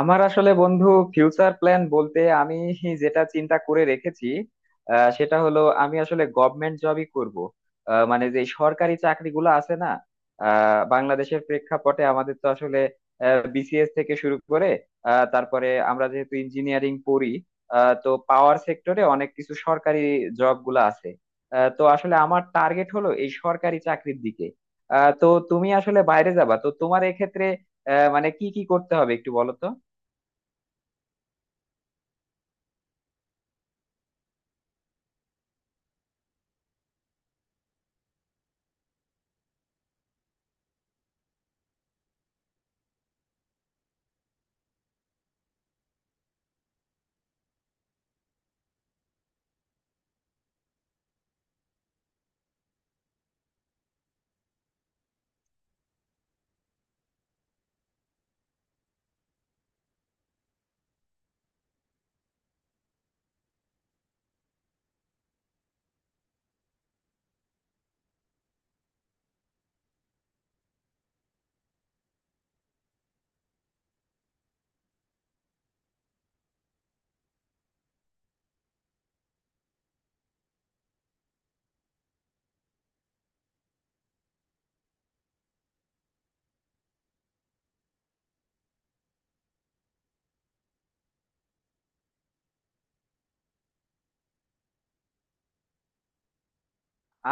আমার আসলে বন্ধু ফিউচার প্ল্যান বলতে আমি যেটা চিন্তা করে রেখেছি। সেটা হলো আমি আসলে গভর্নমেন্ট জবই করব। মানে যে সরকারি চাকরিগুলো আছে না। বাংলাদেশের প্রেক্ষাপটে আমাদের তো আসলে বিসিএস থেকে শুরু করে, তারপরে আমরা যেহেতু ইঞ্জিনিয়ারিং পড়ি, তো পাওয়ার সেক্টরে অনেক কিছু সরকারি জব গুলো আছে। তো আসলে আমার টার্গেট হলো এই সরকারি চাকরির দিকে। তো তুমি আসলে বাইরে যাবা, তো তোমার এক্ষেত্রে মানে কি কি করতে হবে একটু বলো তো।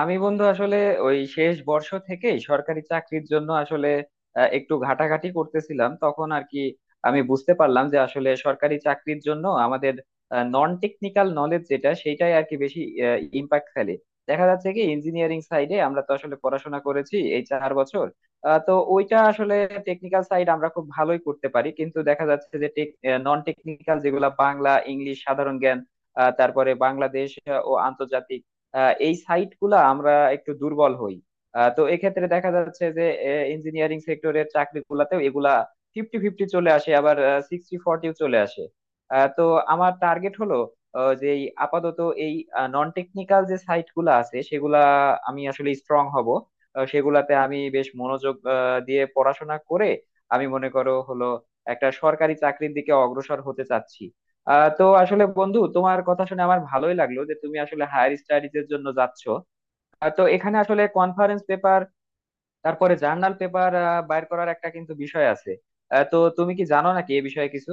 আমি বন্ধু আসলে ওই শেষ বর্ষ থেকেই সরকারি চাকরির জন্য আসলে একটু ঘাটাঘাটি করতেছিলাম তখন আর কি। আমি বুঝতে পারলাম যে আসলে সরকারি চাকরির জন্য আমাদের নন টেকনিক্যাল নলেজ যেটা, সেটাই আর কি বেশি ইম্প্যাক্ট ফেলে। দেখা যাচ্ছে কি, ইঞ্জিনিয়ারিং সাইডে আমরা তো আসলে পড়াশোনা করেছি এই চার বছর। তো ওইটা আসলে টেকনিক্যাল সাইড, আমরা খুব ভালোই করতে পারি, কিন্তু দেখা যাচ্ছে যে নন টেকনিক্যাল যেগুলা বাংলা ইংলিশ সাধারণ জ্ঞান, তারপরে বাংলাদেশ ও আন্তর্জাতিক, এই সাইট গুলা আমরা একটু দুর্বল হই। তো এক্ষেত্রে দেখা যাচ্ছে যে ইঞ্জিনিয়ারিং সেক্টরের চাকরি গুলাতেও এগুলা ফিফটি ফিফটি চলে আসে, আবার সিক্সটি ফর্টিও চলে আসে। তো আমার টার্গেট হলো যে এই আপাতত এই নন টেকনিক্যাল যে সাইট গুলা আছে সেগুলা আমি আসলে স্ট্রং হব। সেগুলাতে আমি বেশ মনোযোগ দিয়ে পড়াশোনা করে আমি মনে করো হলো একটা সরকারি চাকরির দিকে অগ্রসর হতে চাচ্ছি। আহ তো আসলে বন্ধু, তোমার কথা শুনে আমার ভালোই লাগলো যে তুমি আসলে হায়ার স্টাডিজ এর জন্য যাচ্ছ। আহ তো এখানে আসলে কনফারেন্স পেপার, তারপরে জার্নাল পেপার বাইর করার একটা কিন্তু বিষয় আছে। আহ তো তুমি কি জানো নাকি এ বিষয়ে কিছু?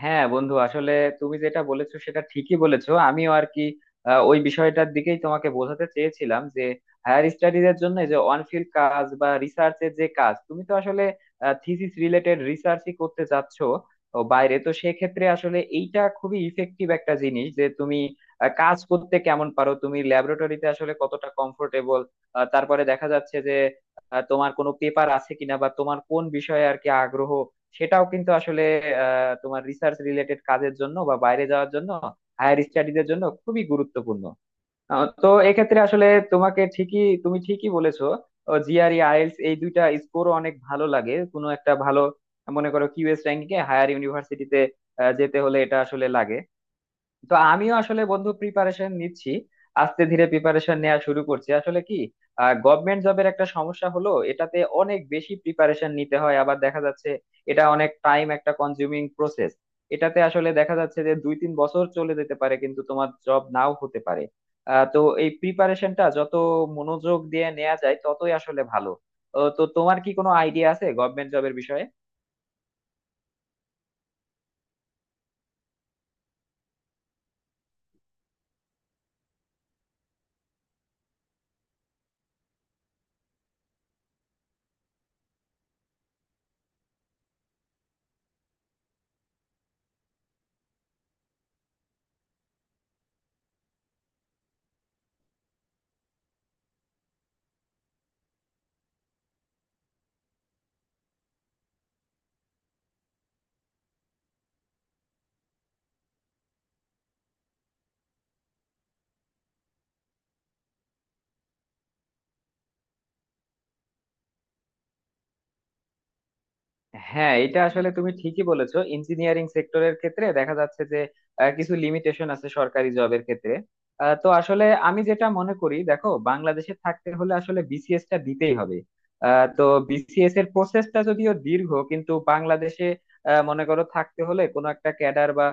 হ্যাঁ বন্ধু আসলে তুমি যেটা বলেছো সেটা ঠিকই বলেছো, আমিও আর কি ওই বিষয়টার দিকেই তোমাকে বোঝাতে চেয়েছিলাম যে হায়ার স্টাডিজ এর জন্য যে অন ফিল্ড কাজ বা রিসার্চ এর যে কাজ, তুমি তো আসলে থিসিস রিলেটেড রিসার্চই করতে যাচ্ছ। ও বাইরে তো সেক্ষেত্রে আসলে এইটা খুবই ইফেক্টিভ একটা জিনিস যে তুমি কাজ করতে কেমন পারো, তুমি ল্যাবরেটরিতে আসলে কতটা কমফোর্টেবল। তারপরে দেখা যাচ্ছে যে তোমার কোনো পেপার আছে কিনা বা তোমার কোন বিষয়ে আর কি আগ্রহ, সেটাও কিন্তু আসলে তোমার রিসার্চ রিলেটেড কাজের জন্য বা বাইরে যাওয়ার জন্য হায়ার স্টাডিজের জন্য খুবই গুরুত্বপূর্ণ। তো এক্ষেত্রে আসলে তোমাকে ঠিকই তুমি ঠিকই বলেছো। জিআরই আইএলটিএস এই দুইটা স্কোর অনেক ভালো লাগে, কোনো একটা ভালো মনে করো কিউএস র্যাঙ্কিং এ হায়ার ইউনিভার্সিটিতে যেতে হলে এটা আসলে লাগে। তো আমিও আসলে বন্ধু প্রিপারেশন নিচ্ছি, আস্তে ধীরে প্রিপারেশন নেওয়া শুরু করছি। আসলে কি, গভর্নমেন্ট জবের একটা সমস্যা হলো এটাতে অনেক বেশি প্রিপারেশন নিতে হয়, আবার দেখা যাচ্ছে এটা অনেক টাইম একটা কনজিউমিং প্রসেস। এটাতে আসলে দেখা যাচ্ছে যে দুই তিন বছর চলে যেতে পারে, কিন্তু তোমার জব নাও হতে পারে। তো এই প্রিপারেশনটা যত মনোযোগ দিয়ে নেওয়া যায় ততই আসলে ভালো। ও, তো তোমার কি কোনো আইডিয়া আছে গভর্নমেন্ট জবের বিষয়ে? হ্যাঁ, এটা আসলে তুমি ঠিকই বলেছো। ইঞ্জিনিয়ারিং সেক্টরের ক্ষেত্রে দেখা যাচ্ছে যে কিছু লিমিটেশন আছে সরকারি জবের ক্ষেত্রে। তো আসলে আমি যেটা মনে করি, দেখো বাংলাদেশে থাকতে হলে আসলে বিসিএস টা দিতেই হবে। তো বিসিএস এর প্রসেসটা যদিও দীর্ঘ, কিন্তু বাংলাদেশে মনে করো থাকতে হলে কোনো একটা ক্যাডার বা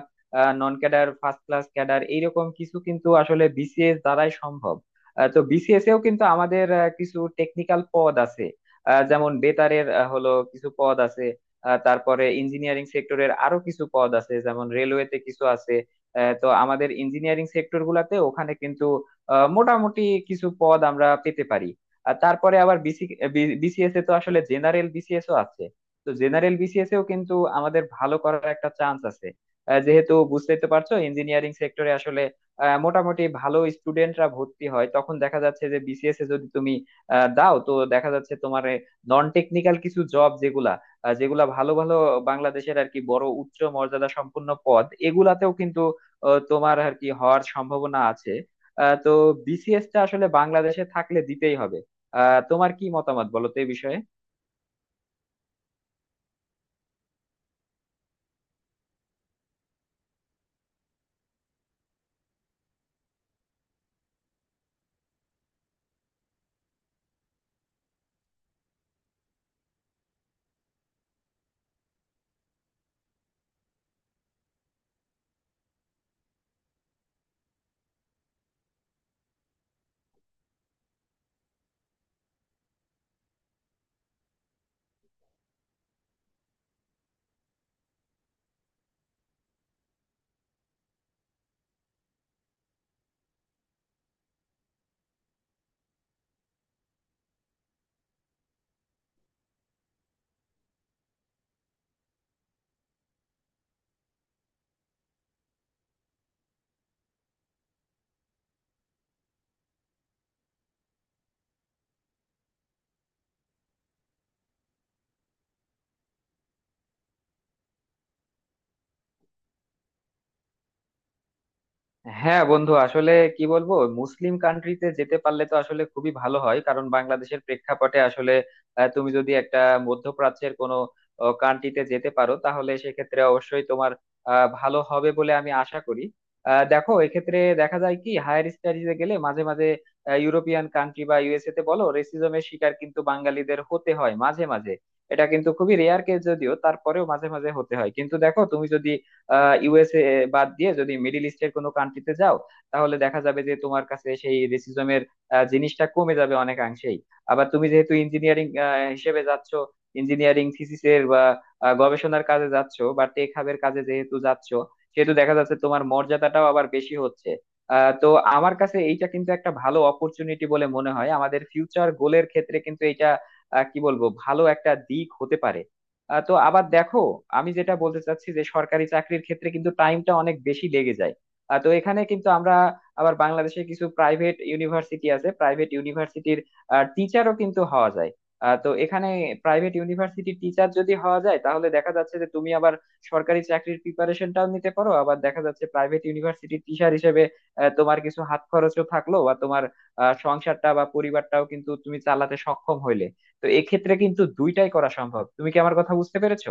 non cadre first class cadre এইরকম কিছু কিন্তু আসলে বিসিএস দ্বারাই সম্ভব। তো বিসিএস এও কিন্তু আমাদের কিছু টেকনিক্যাল পদ আছে। যেমন বেতারের হলো কিছু পদ আছে। তারপরে ইঞ্জিনিয়ারিং সেক্টরের আরো কিছু পদ আছে, যেমন রেলওয়েতে কিছু আছে। তো আমাদের ইঞ্জিনিয়ারিং সেক্টর গুলাতে ওখানে কিন্তু মোটামুটি কিছু পদ আমরা পেতে পারি। আর তারপরে আবার বিসিএস এ তো আসলে জেনারেল বিসিএস ও আছে। তো জেনারেল বিসিএস এও কিন্তু আমাদের ভালো করার একটা চান্স আছে। যেহেতু বুঝতেই তো পারছো ইঞ্জিনিয়ারিং সেক্টরে আসলে মোটামুটি ভালো স্টুডেন্টরা ভর্তি হয়, তখন দেখা যাচ্ছে যে বিসিএস এ যদি তুমি দাও তো দেখা যাচ্ছে তোমার নন টেকনিক্যাল কিছু জব যেগুলা আহ যেগুলা ভালো ভালো বাংলাদেশের আর কি বড় উচ্চ মর্যাদা সম্পন্ন পদ, এগুলাতেও কিন্তু তোমার আর কি হওয়ার সম্ভাবনা আছে। তো বিসিএস টা আসলে বাংলাদেশে থাকলে দিতেই হবে। আহ তোমার কি মতামত বলো তো এই বিষয়ে? হ্যাঁ বন্ধু, আসলে কি বলবো, মুসলিম কান্ট্রিতে যেতে পারলে তো আসলে খুবই ভালো হয়, কারণ বাংলাদেশের প্রেক্ষাপটে আসলে তুমি যদি একটা মধ্যপ্রাচ্যের কোনো কান্ট্রিতে যেতে পারো, তাহলে সেক্ষেত্রে অবশ্যই তোমার ভালো হবে বলে আমি আশা করি। দেখো এক্ষেত্রে দেখা যায় কি, হায়ার স্টাডিজে গেলে মাঝে মাঝে ইউরোপিয়ান কান্ট্রি বা ইউএসএ তে বলো, রেসিজমের শিকার কিন্তু বাঙালিদের হতে হয় মাঝে মাঝে। এটা কিন্তু খুবই রেয়ার কেস যদিও, তারপরেও মাঝে মাঝে হতে হয়। কিন্তু দেখো, তুমি যদি ইউএসএ বাদ দিয়ে যদি মিডিল ইস্টের কোনো কান্ট্রিতে যাও, তাহলে দেখা যাবে যে তোমার কাছে সেই রেসিজমের জিনিসটা কমে যাবে অনেকাংশেই। আবার তুমি যেহেতু ইঞ্জিনিয়ারিং হিসেবে যাচ্ছ, ইঞ্জিনিয়ারিং থিসিসের বা গবেষণার কাজে যাচ্ছ বা টেক হাবের কাজে যেহেতু যাচ্ছ, সেহেতু দেখা যাচ্ছে তোমার মর্যাদাটাও আবার বেশি হচ্ছে। তো আমার কাছে এইটা কিন্তু একটা ভালো অপরচুনিটি বলে মনে হয়। আমাদের ফিউচার গোলের ক্ষেত্রে কিন্তু এটা কি বলবো, ভালো একটা দিক হতে পারে। তো আবার দেখো, আমি যেটা বলতে চাচ্ছি যে সরকারি চাকরির ক্ষেত্রে কিন্তু টাইমটা অনেক বেশি লেগে যায়। তো এখানে কিন্তু আমরা আবার বাংলাদেশে কিছু প্রাইভেট ইউনিভার্সিটি আছে, প্রাইভেট ইউনিভার্সিটির টিচারও কিন্তু হওয়া যায়। তো এখানে প্রাইভেট ইউনিভার্সিটির টিচার যদি হওয়া যায়, তাহলে দেখা যাচ্ছে যে তুমি আবার সরকারি চাকরির প্রিপারেশনটাও নিতে পারো। আবার দেখা যাচ্ছে প্রাইভেট ইউনিভার্সিটির টিচার হিসেবে তোমার কিছু হাত খরচও থাকলো, বা তোমার সংসারটা বা পরিবারটাও কিন্তু তুমি চালাতে সক্ষম হইলে। তো এক্ষেত্রে কিন্তু দুইটাই করা সম্ভব। তুমি কি আমার কথা বুঝতে পেরেছো?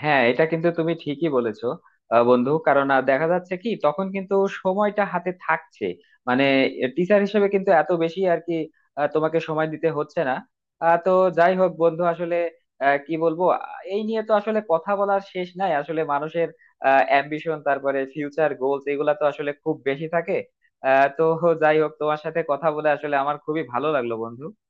হ্যাঁ, এটা কিন্তু তুমি ঠিকই বলেছো বন্ধু। কারণ দেখা যাচ্ছে কি, তখন কিন্তু সময়টা হাতে থাকছে। মানে টিচার হিসেবে কিন্তু এত বেশি আর কি তোমাকে সময় দিতে হচ্ছে না। তো যাই হোক বন্ধু, আসলে আহ, কি বলবো আহ, এই নিয়ে তো আসলে কথা বলার শেষ নাই। আসলে মানুষের অ্যাম্বিশন, তারপরে ফিউচার গোলস, এগুলা তো আসলে খুব বেশি থাকে। তো যাই হোক, তোমার সাথে কথা বলে আসলে আমার খুবই ভালো লাগলো বন্ধু।